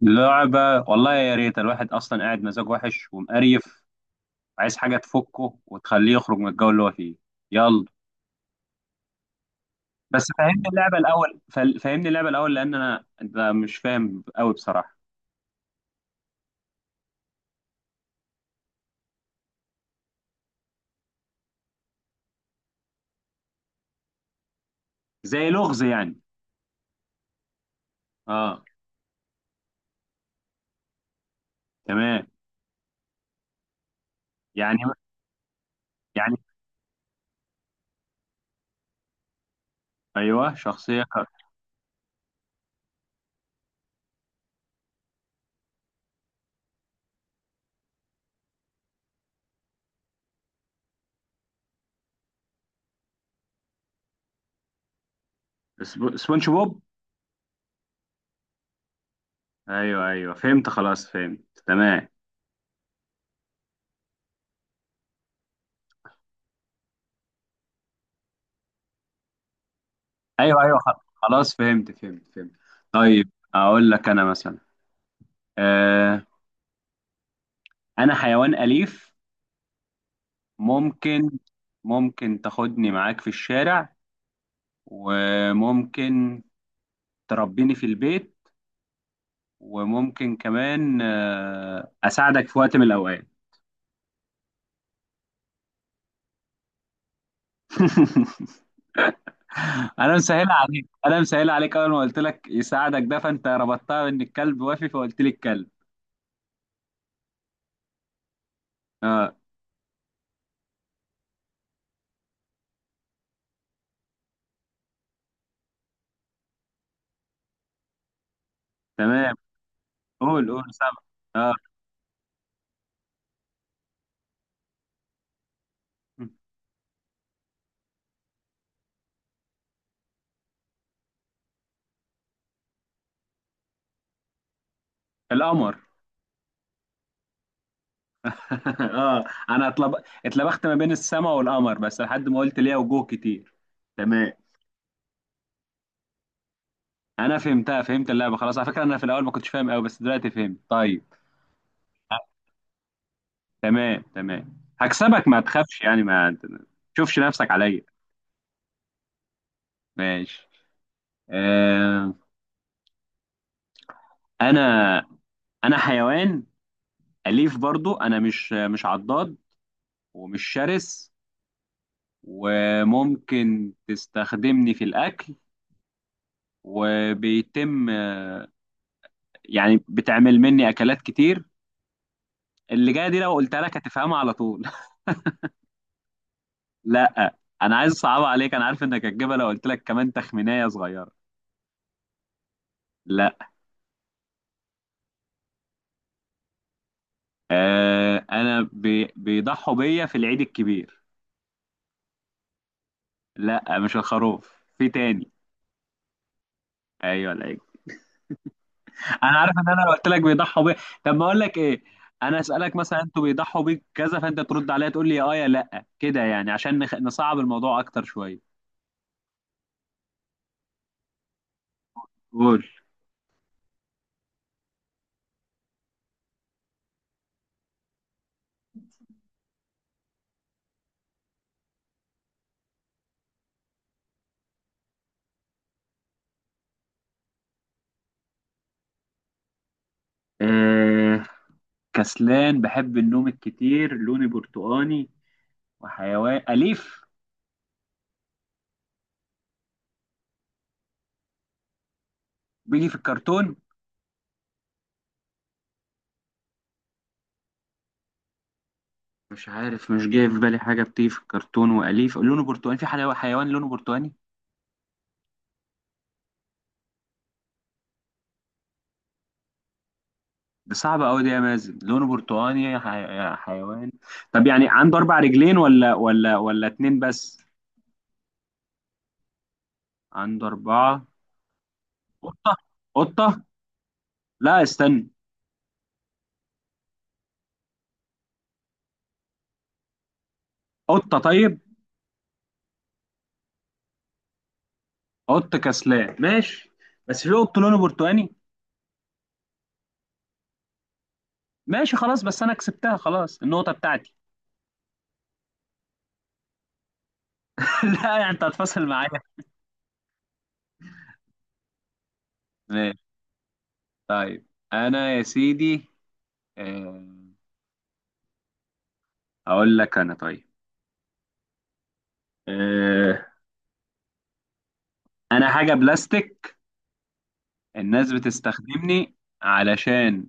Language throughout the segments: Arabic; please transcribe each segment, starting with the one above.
لعبة. والله يا ريت الواحد أصلا قاعد مزاج وحش ومقريف، عايز حاجة تفكه وتخليه يخرج من الجو اللي هو فيه. يلا. بس فهمني اللعبة الأول، فهمني اللعبة الأول، لأن أنا أنت مش فاهم قوي بصراحة. زي لغز يعني. أه. تمام. يعني يعني أيوه، شخصية. سبونج بوب. أيوه، أيوه، فهمت خلاص فهمت. تمام. أيوه، أيوه، خلاص فهمت فهمت فهمت، طيب. أقول لك أنا مثلا. آه أنا حيوان أليف. ممكن ممكن تاخدني معاك في الشارع، وممكن تربيني في البيت، وممكن كمان اساعدك في وقت من الاوقات. انا مسهل عليك، انا مسهل عليك، اول ما قلت لك يساعدك ده، فانت ربطتها بان الكلب وافي، فقلت لي الكلب. اه. تمام، قول قول، سامع. اه، القمر. اه انا اتلبخت ما بين السماء والقمر، بس لحد ما قلت ليها وجوه كتير. تمام. انا فهمتها، فهمت اللعبه، خلاص، على فكره انا في الاول ما كنتش فاهم قوي، بس دلوقتي فهمت، طيب. تمام، تمام، هكسبك، ما تخافش يعني، ما تشوفش نفسك عليا. ماشي. آه انا انا حيوان اليف برضو، انا مش عضاد، ومش شرس، وممكن تستخدمني في الاكل، وبيتم يعني بتعمل مني اكلات كتير، اللي جايه دي لو قلتها لك هتفهمها على طول. لا. انا عايز اصعبها عليك، انا عارف انك هتجيبها لو قلت لك كمان تخمينية صغيرة. لا. انا بيضحوا بيا في العيد الكبير. لا، مش الخروف، في تاني. ايوه، العيد. انا عارف ان انا لو قلت لك بيضحوا بيا، طب ما اقول لك ايه، انا اسالك مثلا انتوا بيضحوا بيك كذا، فانت ترد عليا تقول لي يا اه يا لا كده، يعني عشان نصعب الموضوع اكتر شوية. قول. آه كسلان، بحب النوم الكتير، لوني برتقاني، وحيوان اليف، بيجي في الكرتون. مش عارف، مش جاي في بالي حاجة بتيجي في الكرتون وأليف لونه برتقاني، في حيوان لونه برتقاني. دي صعبة أوي دي يا مازن، لونه برتقاني، حيوان. طب يعني عنده أربع رجلين، ولا اتنين بس؟ عنده أربعة. قطة، قطة، لا، استنى. قطة، طيب. قط كسلان، ماشي، بس في قط لونه برتقاني. ماشي، خلاص، بس أنا كسبتها خلاص، النقطة بتاعتي. لا، يعني أنت هتفاصل معايا. ماشي. طيب. أنا يا سيدي، آه، هقول لك أنا، طيب، آه، انا حاجه بلاستيك، الناس بتستخدمني علشان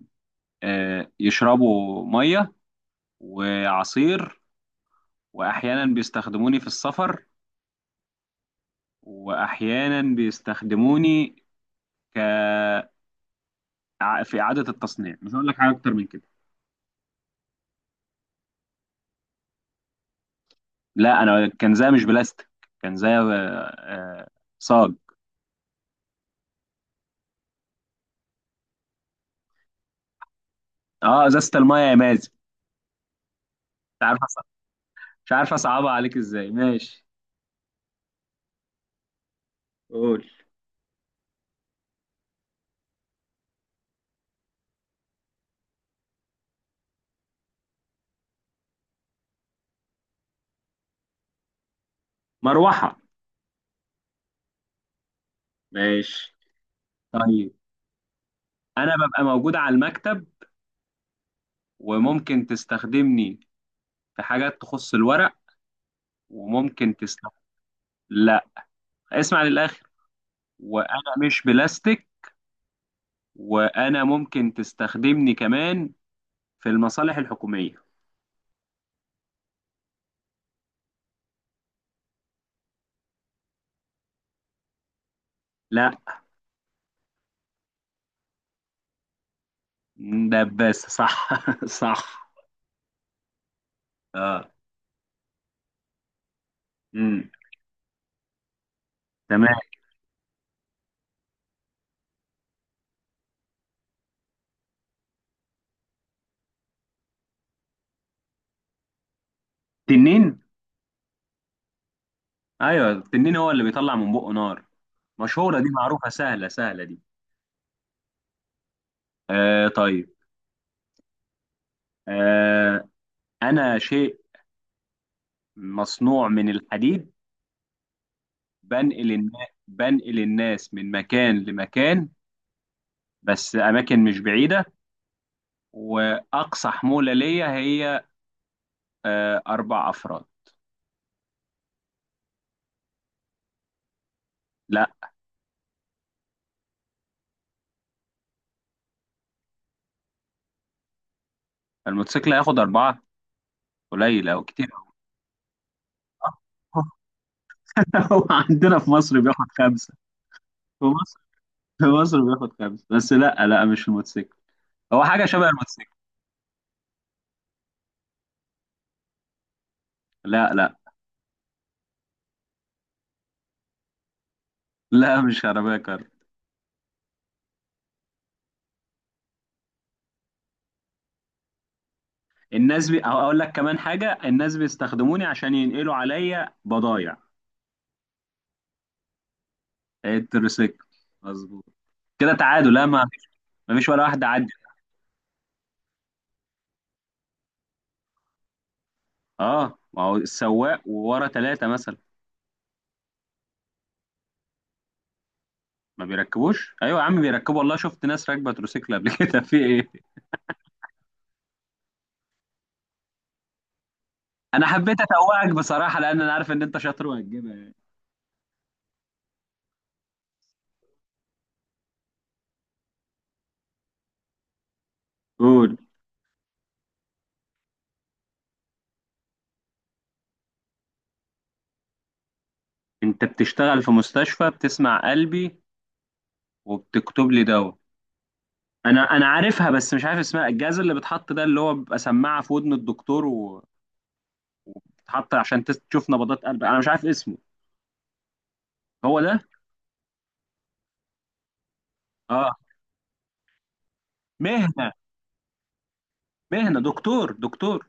يشربوا ميه وعصير، واحيانا بيستخدموني في السفر، واحيانا بيستخدموني ك في اعاده التصنيع، مش هقول لك حاجه اكتر من كده. لا، انا كنزايه مش بلاستيك، كنزايه، صاج. اه، ازازه الميه يا مازن. مش عارف أص- مش عارف اصعبها عليك ازاي، ماشي. قول. مروحه. ماشي، طيب، انا ببقى موجود على المكتب، وممكن تستخدمني في حاجات تخص الورق، وممكن تستخدم. لا، اسمع للآخر، وأنا مش بلاستيك، وأنا ممكن تستخدمني كمان في المصالح الحكومية. لا. دباسة، صح، صح. اه. امم تمام. تنين. ايوه، التنين هو اللي بيطلع من بقه نار، مشهورة دي، معروفة، سهلة سهلة دي. طيب، آه أنا شيء مصنوع من الحديد، بنقل الناس، بنقل الناس من مكان لمكان، بس اماكن مش بعيده، واقصى حموله ليا هي اربع افراد. لا. الموتوسيكل هياخد اربعه؟ قليل او كتير أوي. هو عندنا في مصر بياخد خمسه. في مصر في مصر بياخد خمسه، بس لا، لا، مش الموتوسيكل، هو حاجه شبه الموتوسيكل. لا، لا، لا، مش عربيه كار. الناس أو اقول لك كمان حاجه، الناس بيستخدموني عشان ينقلوا عليا بضايع. التريسيكل، مظبوط، كده تعادل، لا، ما فيش ولا واحدة عدت. اه، ما هو السواق، وورا ثلاثة مثلا. ما بيركبوش، ايوه يا عم بيركبوا والله، شفت ناس راكبة تروسيكل قبل كده، في ايه؟ انا حبيت اتوقك بصراحة، لان انا عارف ان انت شاطر وهتجيبها يعني. قول. انت بتشتغل في مستشفى، بتسمع قلبي وبتكتب لي دواء، انا عارفها بس مش عارف اسمها، الجهاز اللي بيتحط ده اللي هو بيبقى سماعة في ودن الدكتور، وتتحط عشان تشوف نبضات قلبك، انا مش عارف اسمه، هو ده. اه. مهنة، مهنة دكتور، دكتور.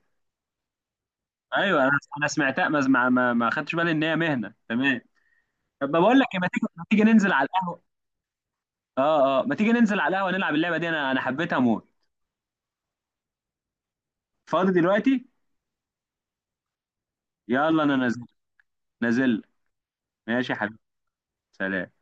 ايوه، انا سمعتها، ما خدتش بالي ان هي مهنه، تمام، طب ما بقول لك إيه، ما تيجي ننزل على القهوه. اه، اه، ما تيجي ننزل على القهوه، نلعب اللعبه دي، انا حبيتها موت. فاضي دلوقتي. يلا انا نازل. نازل. ماشي يا حبيبي. سلام.